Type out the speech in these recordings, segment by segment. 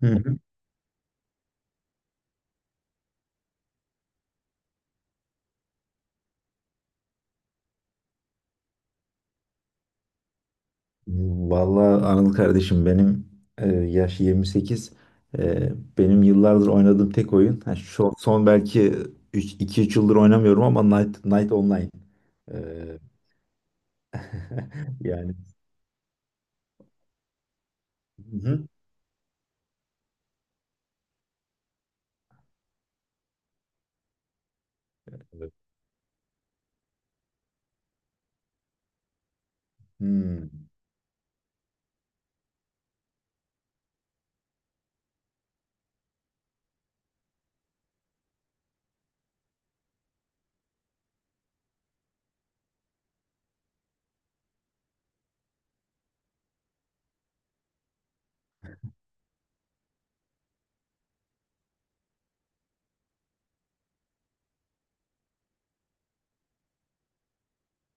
Hı hı. Vallahi Anıl kardeşim benim yaş 28. E, Benim yıllardır oynadığım tek oyun. Ha, şu son belki 2-3 yıldır oynamıyorum ama Night Online. E, yani. Hı hı. Evet. Hmm.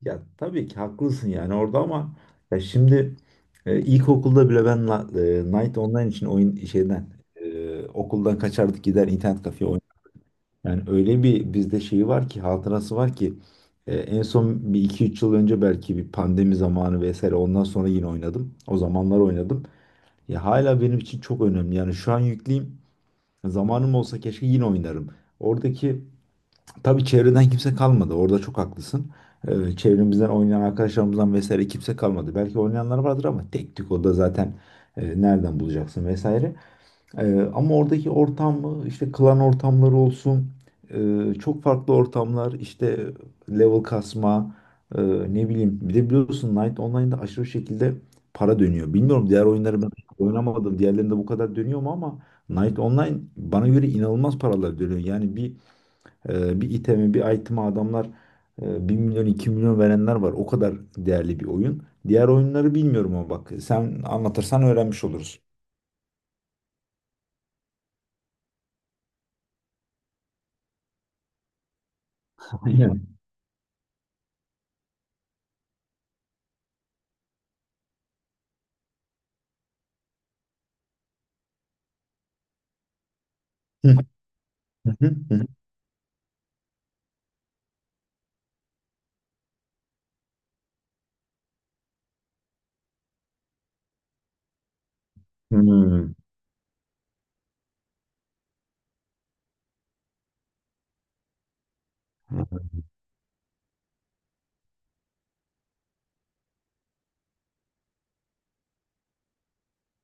Ya tabii ki haklısın yani orada ama ya şimdi ilkokulda bile ben Night Online için oyun şeyden okuldan kaçardık, gider internet kafeye. Yani öyle bir bizde şeyi var ki, hatırası var ki en son bir iki üç yıl önce belki, bir pandemi zamanı vesaire, ondan sonra yine oynadım. O zamanlar oynadım. Ya hala benim için çok önemli. Yani şu an yükleyeyim. Zamanım olsa keşke yine oynarım. Oradaki tabii çevreden kimse kalmadı. Orada çok haklısın. Çevremizden oynayan arkadaşlarımızdan vesaire kimse kalmadı. Belki oynayanlar vardır ama tek tük, o da zaten nereden bulacaksın vesaire. Ama oradaki ortamı, işte klan ortamları olsun, çok farklı ortamlar, işte level kasma, e, ne bileyim, bir de biliyorsun Knight Online'da aşırı şekilde para dönüyor. Bilmiyorum, diğer oyunları ben oynamadım, diğerlerinde bu kadar dönüyor mu, ama Knight Online bana göre inanılmaz paralar dönüyor. Yani bir item'a adamlar 1 milyon 2 milyon verenler var, o kadar değerli bir oyun. Diğer oyunları bilmiyorum ama bak, sen anlatırsan öğrenmiş oluruz. Aynen. Hmm,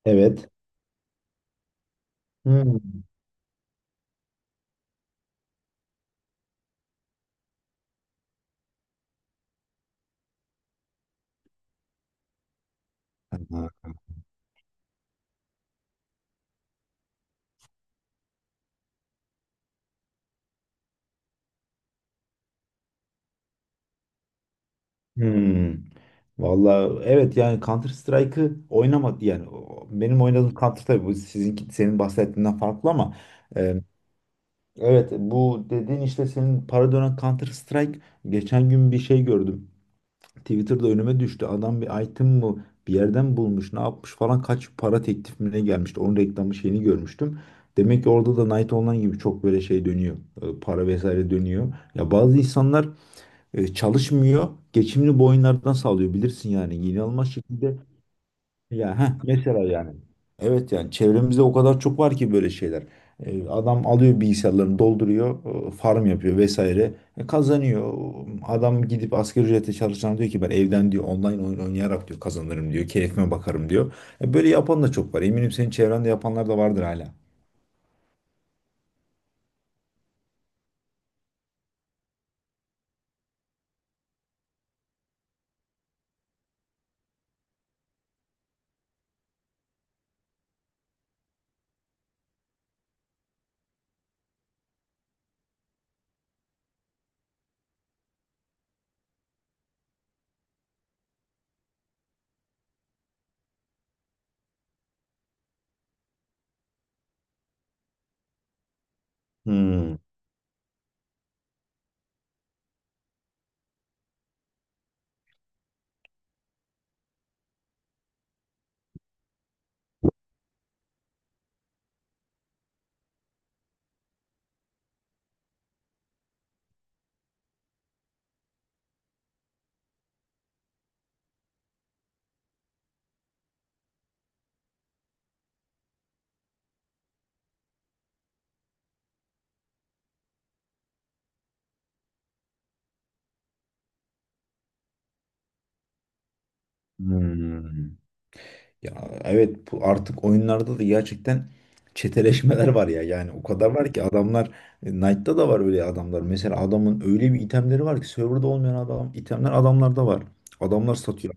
evet. Hmm. Ha. Hmm. Vallahi evet, yani Counter Strike'ı oynamadı yani benim oynadığım Counter, tabii bu sizinki, senin bahsettiğinden farklı, ama e, evet, bu dediğin işte senin para dönen Counter Strike, geçen gün bir şey gördüm. Twitter'da önüme düştü. Adam bir item mı bir yerden bulmuş, ne yapmış falan, kaç para teklif gelmişti. Onun reklamı şeyini görmüştüm. Demek ki orada da Night Online gibi çok böyle şey dönüyor. Para vesaire dönüyor. Ya bazı insanlar çalışmıyor. Geçimini bu oyunlardan sağlıyor. Bilirsin yani. İnanılmaz şekilde, ya heh, mesela yani. Evet, yani çevremizde o kadar çok var ki böyle şeyler. Adam alıyor, bilgisayarlarını dolduruyor, farm yapıyor vesaire. Kazanıyor. Adam gidip asgari ücretle çalışan diyor ki, ben evden diyor online oyun oynayarak diyor kazanırım diyor. Keyfime bakarım diyor. Böyle yapan da çok var. Eminim senin çevrende yapanlar da vardır hala. Hmm. Hmm. Ya evet, bu artık oyunlarda da gerçekten çeteleşmeler var ya. Yani o kadar var ki, adamlar Knight'ta da var öyle adamlar. Mesela adamın öyle bir itemleri var ki, serverda olmayan adam itemler adamlarda var. Adamlar satıyor.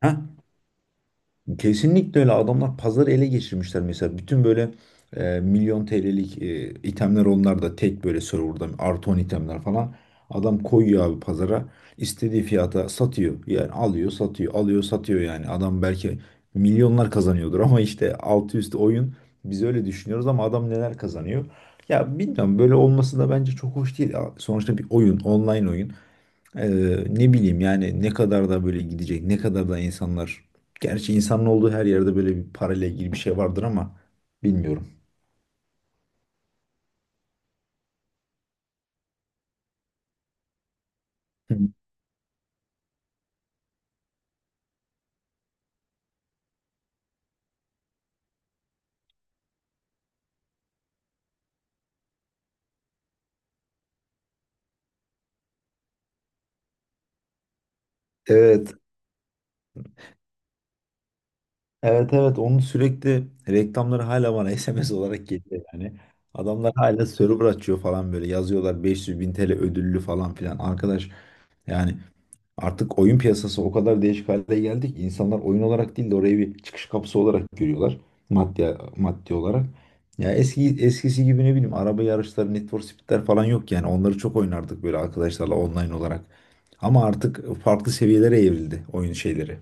Heh, kesinlikle öyle, adamlar pazarı ele geçirmişler, mesela bütün böyle milyon TL'lik itemler, onlar da tek böyle serverda artı 10 itemler falan, adam koyuyor abi pazara, istediği fiyata satıyor, yani alıyor satıyor, alıyor satıyor, yani adam belki milyonlar kazanıyordur ama işte altı üstü oyun, biz öyle düşünüyoruz ama adam neler kazanıyor. Ya bilmiyorum, böyle olması da bence çok hoş değil, sonuçta bir oyun, online oyun. ee, Ne bileyim yani, ne kadar da böyle gidecek, ne kadar da insanlar. Gerçi insanın olduğu her yerde böyle bir parayla ilgili bir şey vardır, ama bilmiyorum. Hı. Evet, evet, evet. Onun sürekli reklamları hala bana SMS olarak geliyor yani. Adamlar hala server açıyor falan, böyle yazıyorlar 500 bin TL ödüllü falan filan. Arkadaş, yani artık oyun piyasası o kadar değişik hale geldi ki, insanlar oyun olarak değil de orayı bir çıkış kapısı olarak görüyorlar. Maddi olarak. Ya eskisi gibi, ne bileyim, araba yarışları, Need for Speed'ler falan yok yani. Onları çok oynardık böyle arkadaşlarla online olarak. Ama artık farklı seviyelere evrildi oyun şeyleri.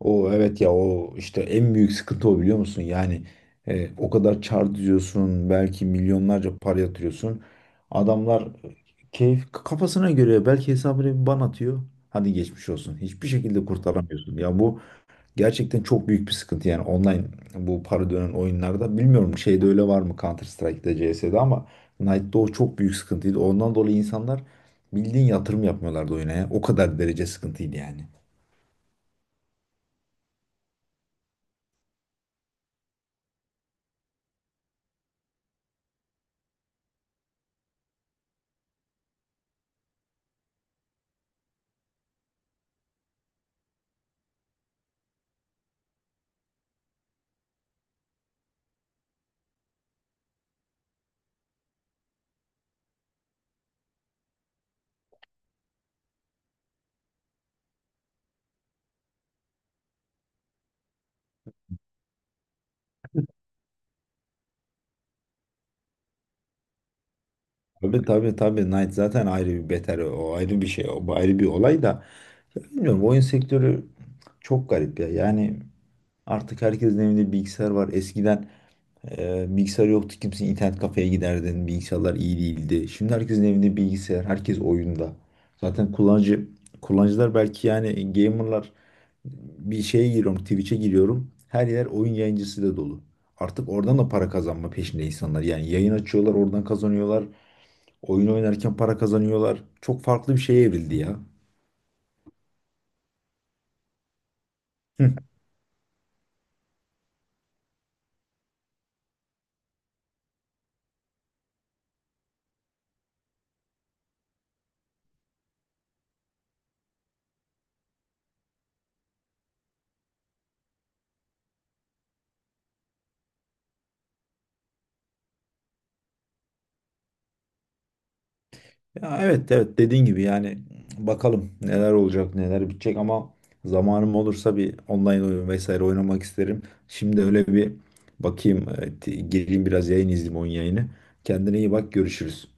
O evet ya, o işte en büyük sıkıntı o, biliyor musun? Yani o kadar çar diziyorsun, belki milyonlarca para yatırıyorsun. Adamlar keyif kafasına göre belki hesabını bir ban atıyor. Hadi geçmiş olsun. Hiçbir şekilde kurtaramıyorsun. Ya bu gerçekten çok büyük bir sıkıntı, yani online, bu para dönen oyunlarda. Bilmiyorum şeyde öyle var mı, Counter Strike'da, CS'de, ama Knight'da o çok büyük sıkıntıydı. Ondan dolayı insanlar bildiğin yatırım yapmıyorlardı oyuna ya. O kadar derece sıkıntıydı yani. Tabii tabii tabii, Knight zaten ayrı bir beter, o ayrı bir şey, o ayrı bir olay da, ya bilmiyorum, oyun sektörü çok garip ya, yani artık herkesin evinde bilgisayar var, eskiden bilgisayar yoktu kimse internet kafeye giderdin, bilgisayarlar iyi değildi, şimdi herkesin evinde bilgisayar, herkes oyunda, zaten kullanıcılar belki, yani gamerlar, bir şeye giriyorum, Twitch'e giriyorum, her yer oyun yayıncısı da dolu, artık oradan da para kazanma peşinde insanlar, yani yayın açıyorlar, oradan kazanıyorlar. Oyun oynarken para kazanıyorlar. Çok farklı bir şeye evrildi ya. Ya evet evet, dediğin gibi yani, bakalım neler olacak, neler bitecek, ama zamanım olursa bir online oyun vesaire oynamak isterim. Şimdi öyle bir bakayım, gireyim biraz yayın, izleyeyim oyun yayını. Kendine iyi bak, görüşürüz.